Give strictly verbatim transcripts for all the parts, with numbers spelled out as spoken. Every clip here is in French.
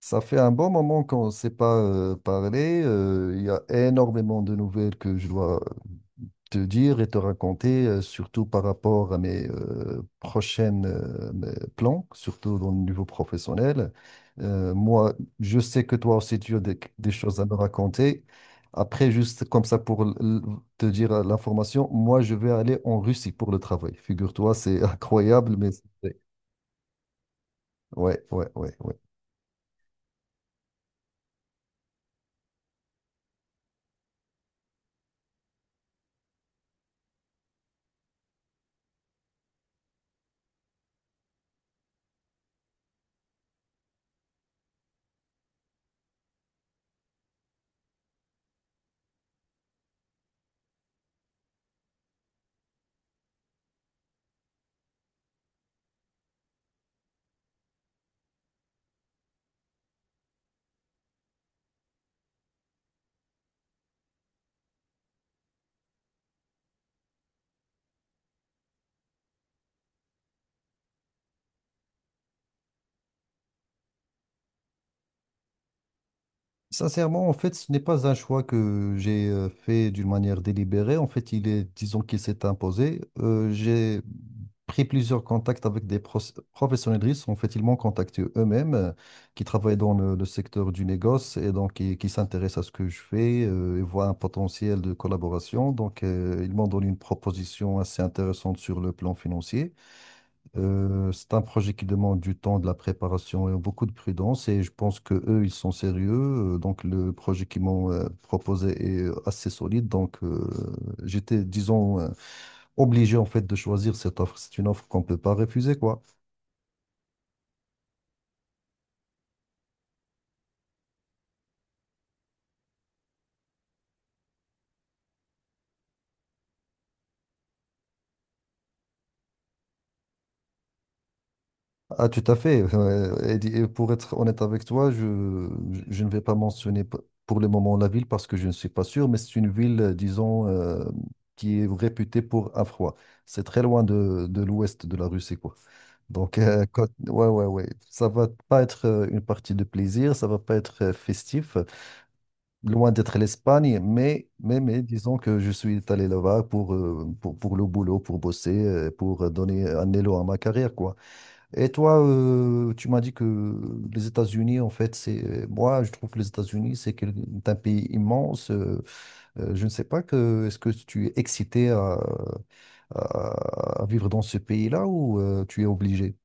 Ça fait un bon moment qu'on ne s'est pas euh, parlé. Euh, Il y a énormément de nouvelles que je dois euh, te dire et te raconter, euh, surtout par rapport à mes euh, prochaines euh, mes plans, surtout dans le niveau professionnel. Euh, moi, je sais que toi aussi, tu as des, des choses à me raconter. Après, juste comme ça pour l- l- te dire euh, l'information, moi, je vais aller en Russie pour le travail. Figure-toi, c'est incroyable, mais c'est vrai. Ouais, ouais, ouais, ouais. Sincèrement, en fait, ce n'est pas un choix que j'ai euh, fait d'une manière délibérée. En fait, il est, disons qu'il s'est imposé. Euh, j'ai pris plusieurs contacts avec des pros- professionnels de risque. En fait, ils m'ont contacté eux-mêmes, euh, qui travaillent dans le, le secteur du négoce et donc qui, qui s'intéressent à ce que je fais euh, et voient un potentiel de collaboration. Donc, euh, ils m'ont donné une proposition assez intéressante sur le plan financier. Euh, c'est un projet qui demande du temps, de la préparation et beaucoup de prudence. Et je pense que eux, ils sont sérieux. Euh, Donc le projet qu'ils m'ont euh, proposé est euh, assez solide. Donc euh, j'étais, disons, euh, obligé en fait de choisir cette offre. C'est une offre qu'on ne peut pas refuser, quoi. Ah, tout à fait. Euh, Et di- et pour être honnête avec toi, je, je je ne vais pas mentionner p- pour le moment la ville parce que je ne suis pas sûr, mais c'est une ville, euh, disons, euh, qui est réputée pour un froid. C'est très loin de, de l'ouest de la Russie, quoi. Donc, euh, quand- ouais, ouais, ouais. Ça va pas être euh, une partie de plaisir, ça va pas être euh, festif, loin d'être l'Espagne, mais, mais, mais disons que je suis allé là-bas pour, euh, pour, pour le boulot, pour bosser, euh, pour euh, donner un élan à ma carrière, quoi. Et toi, euh, tu m'as dit que les États-Unis, en fait, c'est moi, je trouve que les États-Unis, c'est quel- c'est un pays immense. Euh, euh, je ne sais pas que est-ce que tu es excité à, à- à vivre dans ce pays-là ou euh, tu es obligé?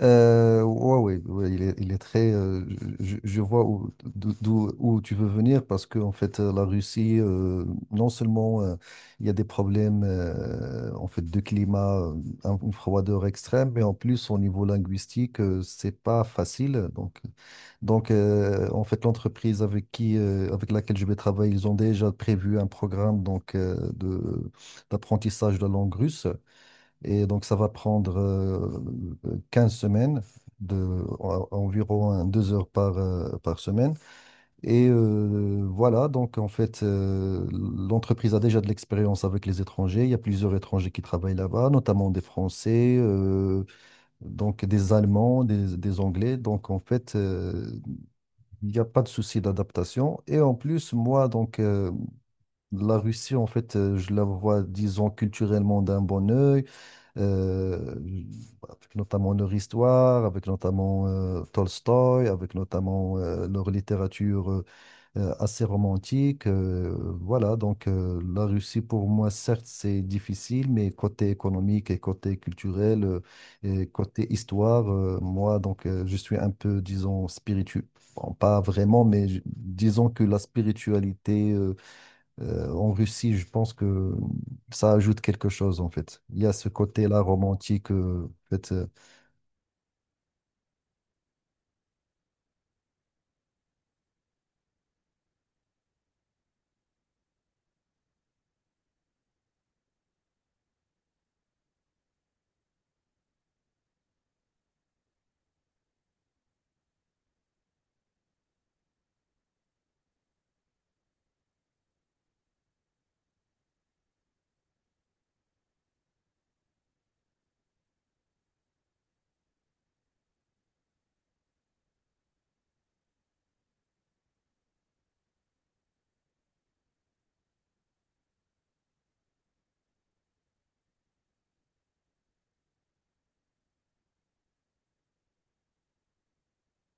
Euh, ouais, ouais, ouais, il est, il est très. Euh, je, je vois où, d'o- d'où, où tu veux venir parce que en fait, euh, la Russie, euh, non seulement euh, il y a des problèmes euh, en fait de climat, euh, un- une froideur extrême, mais en plus au niveau linguistique, euh, c'est pas facile. Donc, donc euh, en fait, l'entreprise avec qui, euh, avec laquelle je vais travailler, ils ont déjà prévu un programme donc euh, de d'apprentissage de la langue russe. Et donc, ça va prendre euh, quinze semaines, de, en- environ hein, deux heures par, euh, par semaine. Et euh, voilà, donc en fait, euh, l'entreprise a déjà de l'expérience avec les étrangers. Il y a plusieurs étrangers qui travaillent là-bas, notamment des Français, euh, donc des Allemands, des, des Anglais. Donc en fait, euh, il n'y a pas de souci d'adaptation. Et en plus, moi, donc euh, la Russie, en fait, euh, je la vois, disons, culturellement d'un bon œil euh, avec notamment leur histoire, avec notamment euh, Tolstoï, avec notamment euh, leur littérature euh, euh, assez romantique. euh, voilà, donc euh, la Russie, pour moi, certes, c'est difficile, mais côté économique et côté culturel euh, et côté histoire, euh, moi, donc, euh, je suis un peu, disons, spirituel. Bon, pas vraiment, mais je- disons que la spiritualité euh, euh, en Russie, je pense que ça ajoute quelque chose en fait. Il y a ce côté-là romantique, euh, en fait, euh,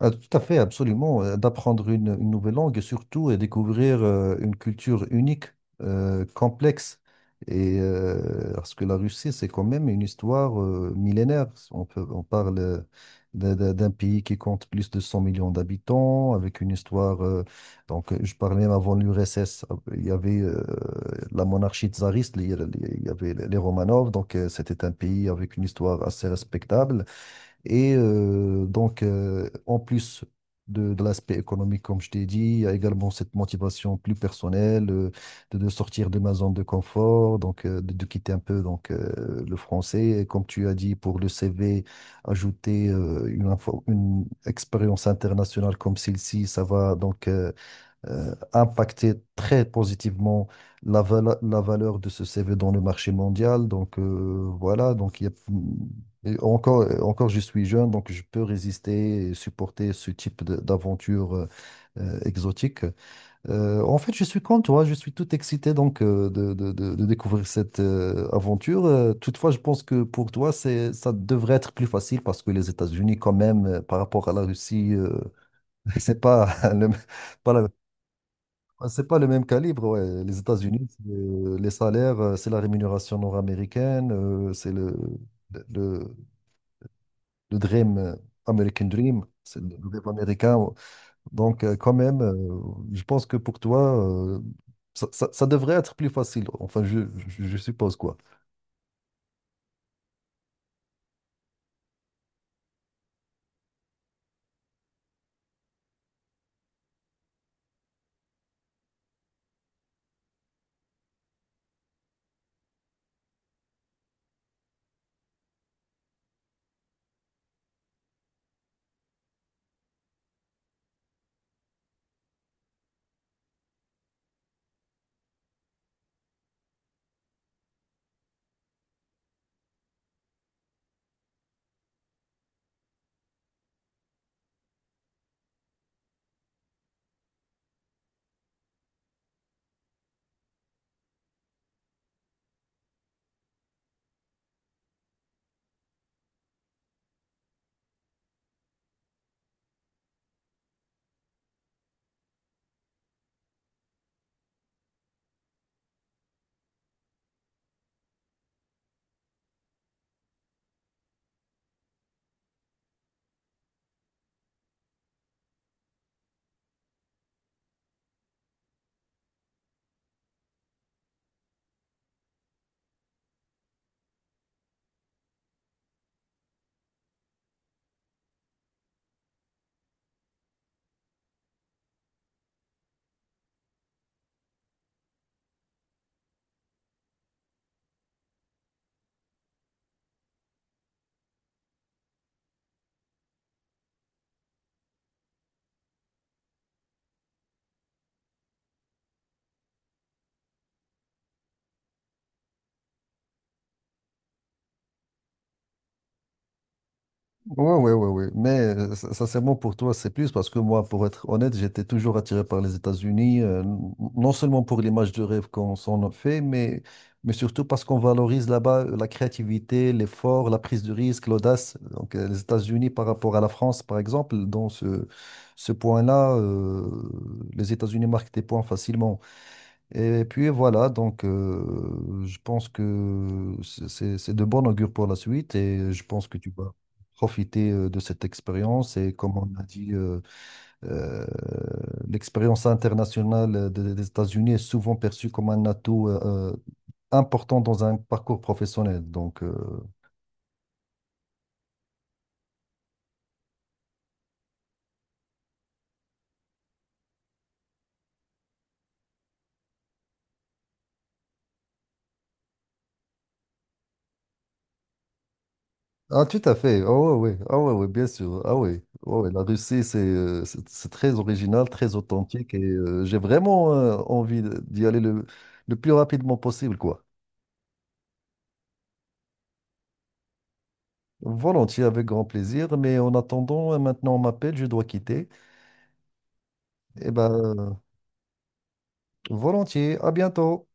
Ah, tout à fait, absolument. Euh, D'apprendre une, une nouvelle langue et surtout et découvrir euh, une culture unique, euh, complexe. Et euh, parce que la Russie, c'est quand même une histoire euh, millénaire. On peut, on parle euh, d'un d'un- d'un pays qui compte plus de cent millions d'habitants, avec une histoire. Euh, donc, euh, je parlais même avant l'U R S S, euh, il y avait euh, la monarchie tsariste, il y a- il y avait les Romanov. Donc, euh, c'était un pays avec une histoire assez respectable et euh, donc, euh, en plus de, de l'aspect économique, comme je t'ai dit, il y a également cette motivation plus personnelle euh, de, de sortir de ma zone de confort, donc euh, de, de quitter un peu donc, euh, le français. Et comme tu as dit, pour le C V, ajouter euh, une, info- une expérience internationale comme celle-ci, ça va donc euh, euh, impacter très positivement la, vale- la valeur de ce C V dans le marché mondial. Donc euh, voilà, donc il y a- et encore, encore je suis jeune, donc je peux résister et supporter ce type de- d'aventure euh, euh, exotique. Euh, en fait, je suis comme toi, je suis tout excité donc euh, de, de- de- de découvrir cette euh, aventure. Euh, toutefois, je pense que pour toi, c'est, ça devrait être plus facile parce que les États-Unis, quand même, euh, par rapport à la Russie, euh, c'est pas le, pas la- ah, c'est pas le même calibre, ouais. Les États-Unis, c'est, euh, les salaires, euh, c'est la rémunération nord-américaine, euh, c'est le, le, le- dream, euh, American Dream, c'est le rêve américain. Donc, euh, quand même, euh, je pense que pour toi, euh, ça, ça- ça devrait être plus facile. Enfin, je, je- je suppose quoi. Ouais, ouais, ouais, ouais. Mais euh, sin- sincèrement, pour toi, c'est plus parce que moi, pour être honnête, j'étais toujours attiré par les États-Unis, euh, n- non seulement pour l'image de rêve qu'on s'en a fait, mais, mais surtout parce qu'on valorise là-bas euh, la créativité, l'effort, la prise de risque, l'audace. Donc, euh, les États-Unis par rapport à la France, par exemple, dans ce, ce point-là, euh, les États-Unis marquent des points facilement. Et puis voilà, donc euh, je pense que c'est c'est- c'est de bon augure pour la suite et je pense que tu vas profiter euh, de cette expérience. Et comme on a dit, euh, euh, l'expérience internationale de- des États-Unis est souvent perçue comme un atout euh, euh, important dans un parcours professionnel. Donc euh, Ah, tout à fait. Ah ouais, ouais. Ah ouais, ouais, bien sûr. Ah ouais. Ouais, ouais, la Russie, c'est euh, c'est c'est très original, très authentique et euh, j'ai vraiment euh, envie de- d'y aller le, le plus rapidement possible, quoi. Volontiers, avec grand plaisir. Mais en attendant, euh, maintenant on m'appelle, je dois quitter. Eh ben, euh, volontiers. À bientôt.